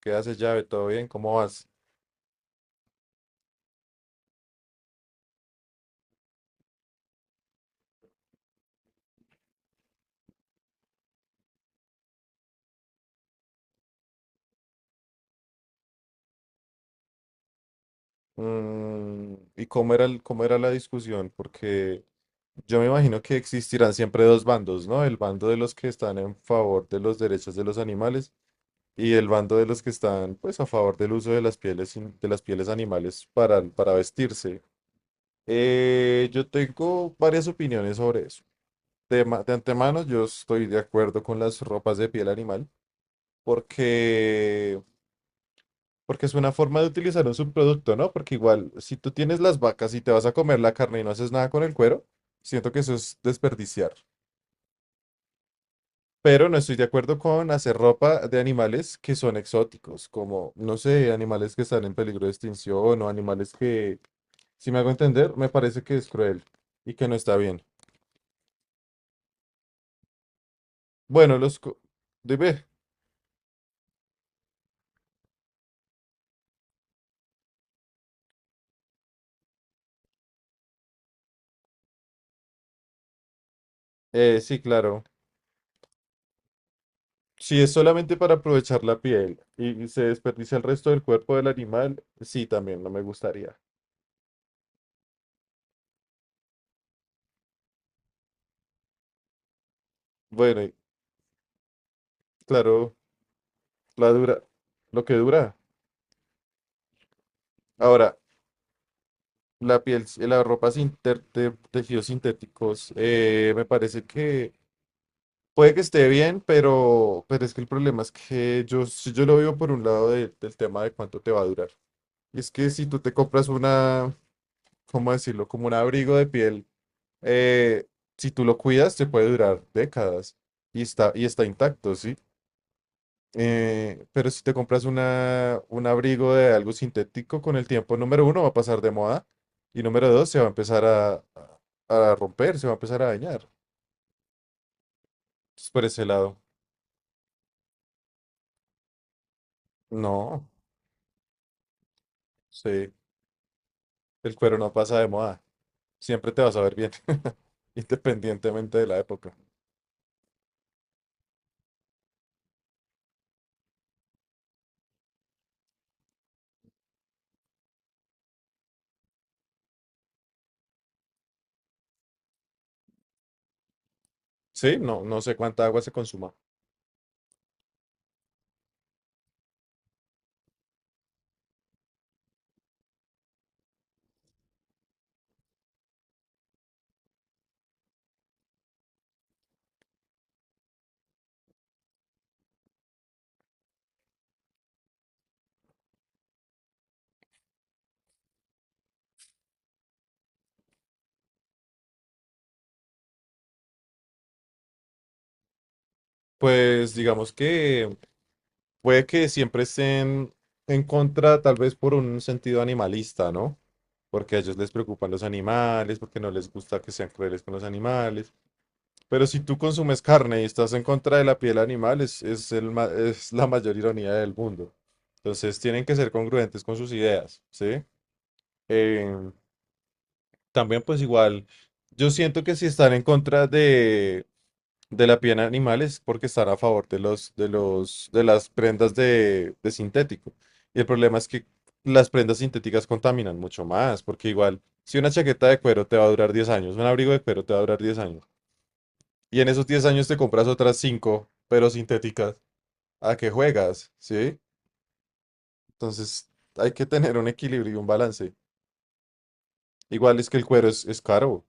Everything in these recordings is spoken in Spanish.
¿Qué haces, llave? ¿Todo bien? ¿Cómo vas? ¿Y cómo era cómo era la discusión? Porque yo me imagino que existirán siempre dos bandos, ¿no? El bando de los que están en favor de los derechos de los animales y el bando de los que están, pues, a favor del uso de las pieles, de las pieles animales para vestirse. Yo tengo varias opiniones sobre eso. De antemano, yo estoy de acuerdo con las ropas de piel animal porque porque es una forma de utilizar un subproducto, ¿no? Porque igual, si tú tienes las vacas y te vas a comer la carne y no haces nada con el cuero, siento que eso es desperdiciar. Pero no estoy de acuerdo con hacer ropa de animales que son exóticos, como, no sé, animales que están en peligro de extinción o animales que, si me hago entender, me parece que es cruel y que no está bien. Bueno, dime. Sí, claro. Si es solamente para aprovechar la piel y se desperdicia el resto del cuerpo del animal, sí, también no me gustaría. Bueno, y claro, la dura, lo que dura. Ahora, la piel, la ropa sin ter- de tejidos sintéticos, me parece que puede que esté bien, pero es que el problema es que yo, si yo lo veo por un lado del tema de cuánto te va a durar. Y es que si tú te compras ¿cómo decirlo? Como un abrigo de piel, eh, si tú lo cuidas, te puede durar décadas y está intacto, ¿sí? Pero si te compras una, un abrigo de algo sintético, con el tiempo, número uno, va a pasar de moda y número dos, se va a empezar a romper, se va a empezar a dañar. Entonces, por ese lado, no, sí, el cuero no pasa de moda. Siempre te vas a ver bien, independientemente de la época. Sí, no, no sé cuánta agua se consuma. Pues digamos que puede que siempre estén en contra, tal vez por un sentido animalista, ¿no? Porque a ellos les preocupan los animales, porque no les gusta que sean crueles con los animales. Pero si tú consumes carne y estás en contra de la piel animal, es la mayor ironía del mundo. Entonces tienen que ser congruentes con sus ideas, ¿sí? Eh, también pues igual, yo siento que si están en contra de la piel animal es porque están a favor de de las prendas de sintético. Y el problema es que las prendas sintéticas contaminan mucho más, porque igual, si una chaqueta de cuero te va a durar 10 años, un abrigo de cuero te va a durar 10 años, y en esos 10 años te compras otras cinco pero sintéticas, ¿a qué juegas? ¿Sí? Entonces hay que tener un equilibrio y un balance. Igual es que el cuero es caro.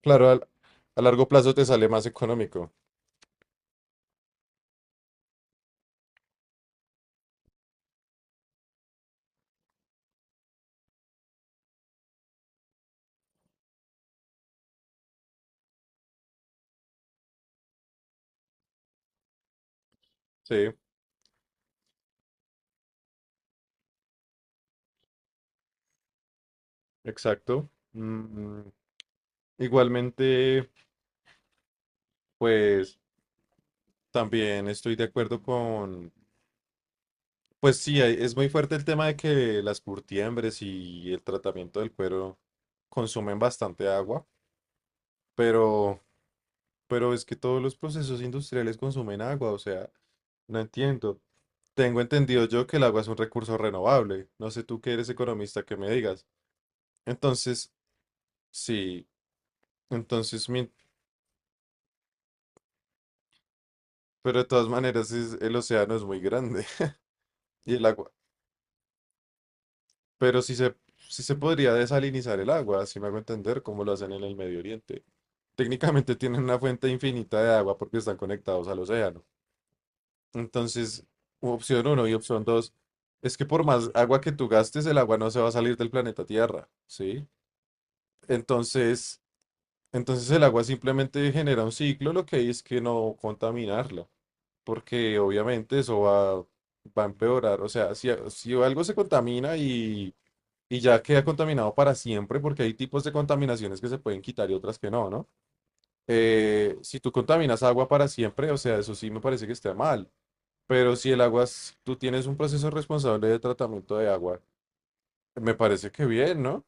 Claro, a largo plazo te sale más económico. Sí, exacto. Igualmente. Pues también estoy de acuerdo con, pues sí, es muy fuerte el tema de que las curtiembres y el tratamiento del cuero consumen bastante agua, pero, pero es que todos los procesos industriales consumen agua, o sea, no entiendo. Tengo entendido yo que el agua es un recurso renovable. No sé tú que eres economista que me digas. Entonces, sí, entonces, mi- pero de todas maneras el océano es muy grande y el agua. Pero sí se podría desalinizar el agua, si me hago entender cómo lo hacen en el Medio Oriente. Técnicamente tienen una fuente infinita de agua porque están conectados al océano. Entonces, opción uno y opción dos es que por más agua que tú gastes, el agua no se va a salir del planeta Tierra, ¿sí? Entonces, entonces el agua simplemente genera un ciclo, lo que hay es que no contaminarla, porque obviamente va a empeorar. O sea, si algo se contamina y ya queda contaminado para siempre porque hay tipos de contaminaciones que se pueden quitar y otras que no, ¿no? Si tú contaminas agua para siempre, o sea, eso sí me parece que está mal, pero si el agua, tú tienes un proceso responsable de tratamiento de agua, me parece que bien, ¿no?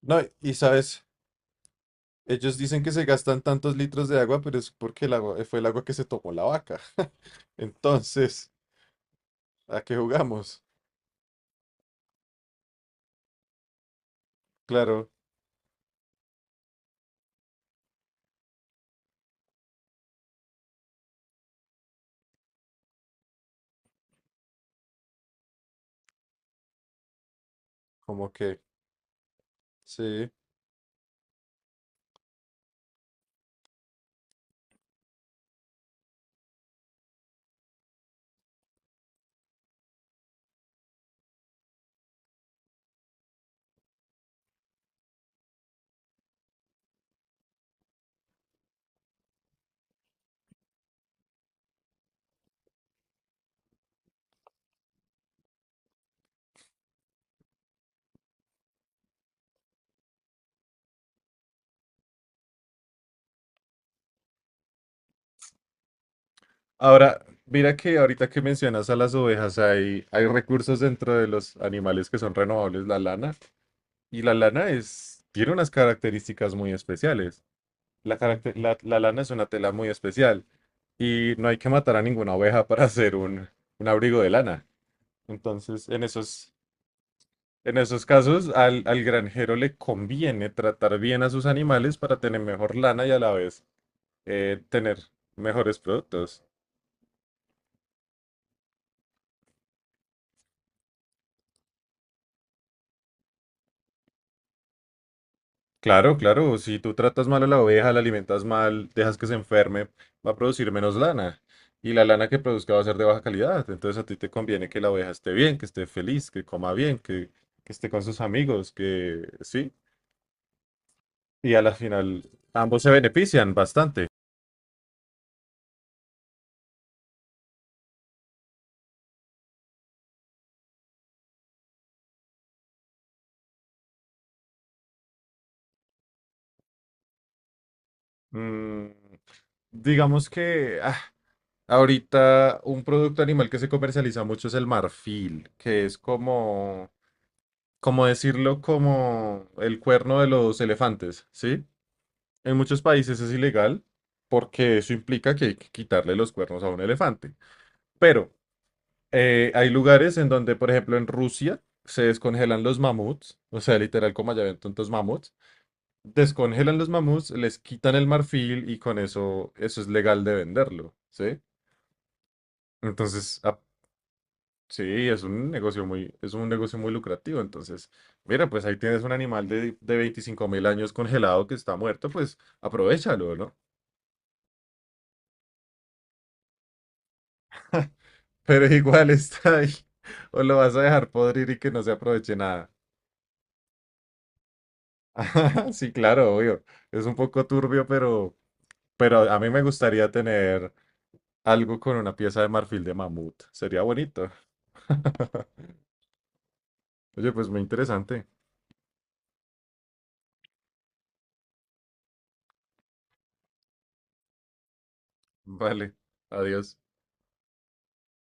No, y sabes, ellos dicen que se gastan tantos litros de agua, pero es porque el agua, fue el agua que se tomó la vaca. Entonces, ¿a qué jugamos? Claro, como que sí. Ahora, mira que ahorita que mencionas a las ovejas, hay recursos dentro de los animales que son renovables, la lana, y la lana es, tiene unas características muy especiales. La lana es una tela muy especial y no hay que matar a ninguna oveja para hacer un abrigo de lana. Entonces, en esos casos, al granjero le conviene tratar bien a sus animales para tener mejor lana y a la vez tener mejores productos. Claro, claro, si tú tratas mal a la oveja, la alimentas mal, dejas que se enferme, va a producir menos lana. Y la lana que produzca va a ser de baja calidad. Entonces a ti te conviene que la oveja esté bien, que esté feliz, que coma bien, que esté con sus amigos, que sí. Y a la final ambos se benefician bastante. Mm, digamos que ahorita un producto animal que se comercializa mucho es el marfil, que es como, como decirlo, como el cuerno de los elefantes, ¿sí? En muchos países es ilegal porque eso implica que hay que quitarle los cuernos a un elefante. Pero hay lugares en donde, por ejemplo, en Rusia se descongelan los mamuts, o sea, literal como allá ven tantos mamuts, descongelan los mamuts, les quitan el marfil y con eso, eso es legal de venderlo, ¿sí? Entonces, sí, es un negocio muy lucrativo. Entonces, mira, pues ahí tienes un animal de 25.000 años congelado que está muerto, pues aprovéchalo, ¿no? Pero igual está ahí. O lo vas a dejar podrir y que no se aproveche nada. Sí, claro, obvio. Es un poco turbio, pero a mí me gustaría tener algo con una pieza de marfil de mamut. Sería bonito. Oye, pues muy interesante. Vale, adiós.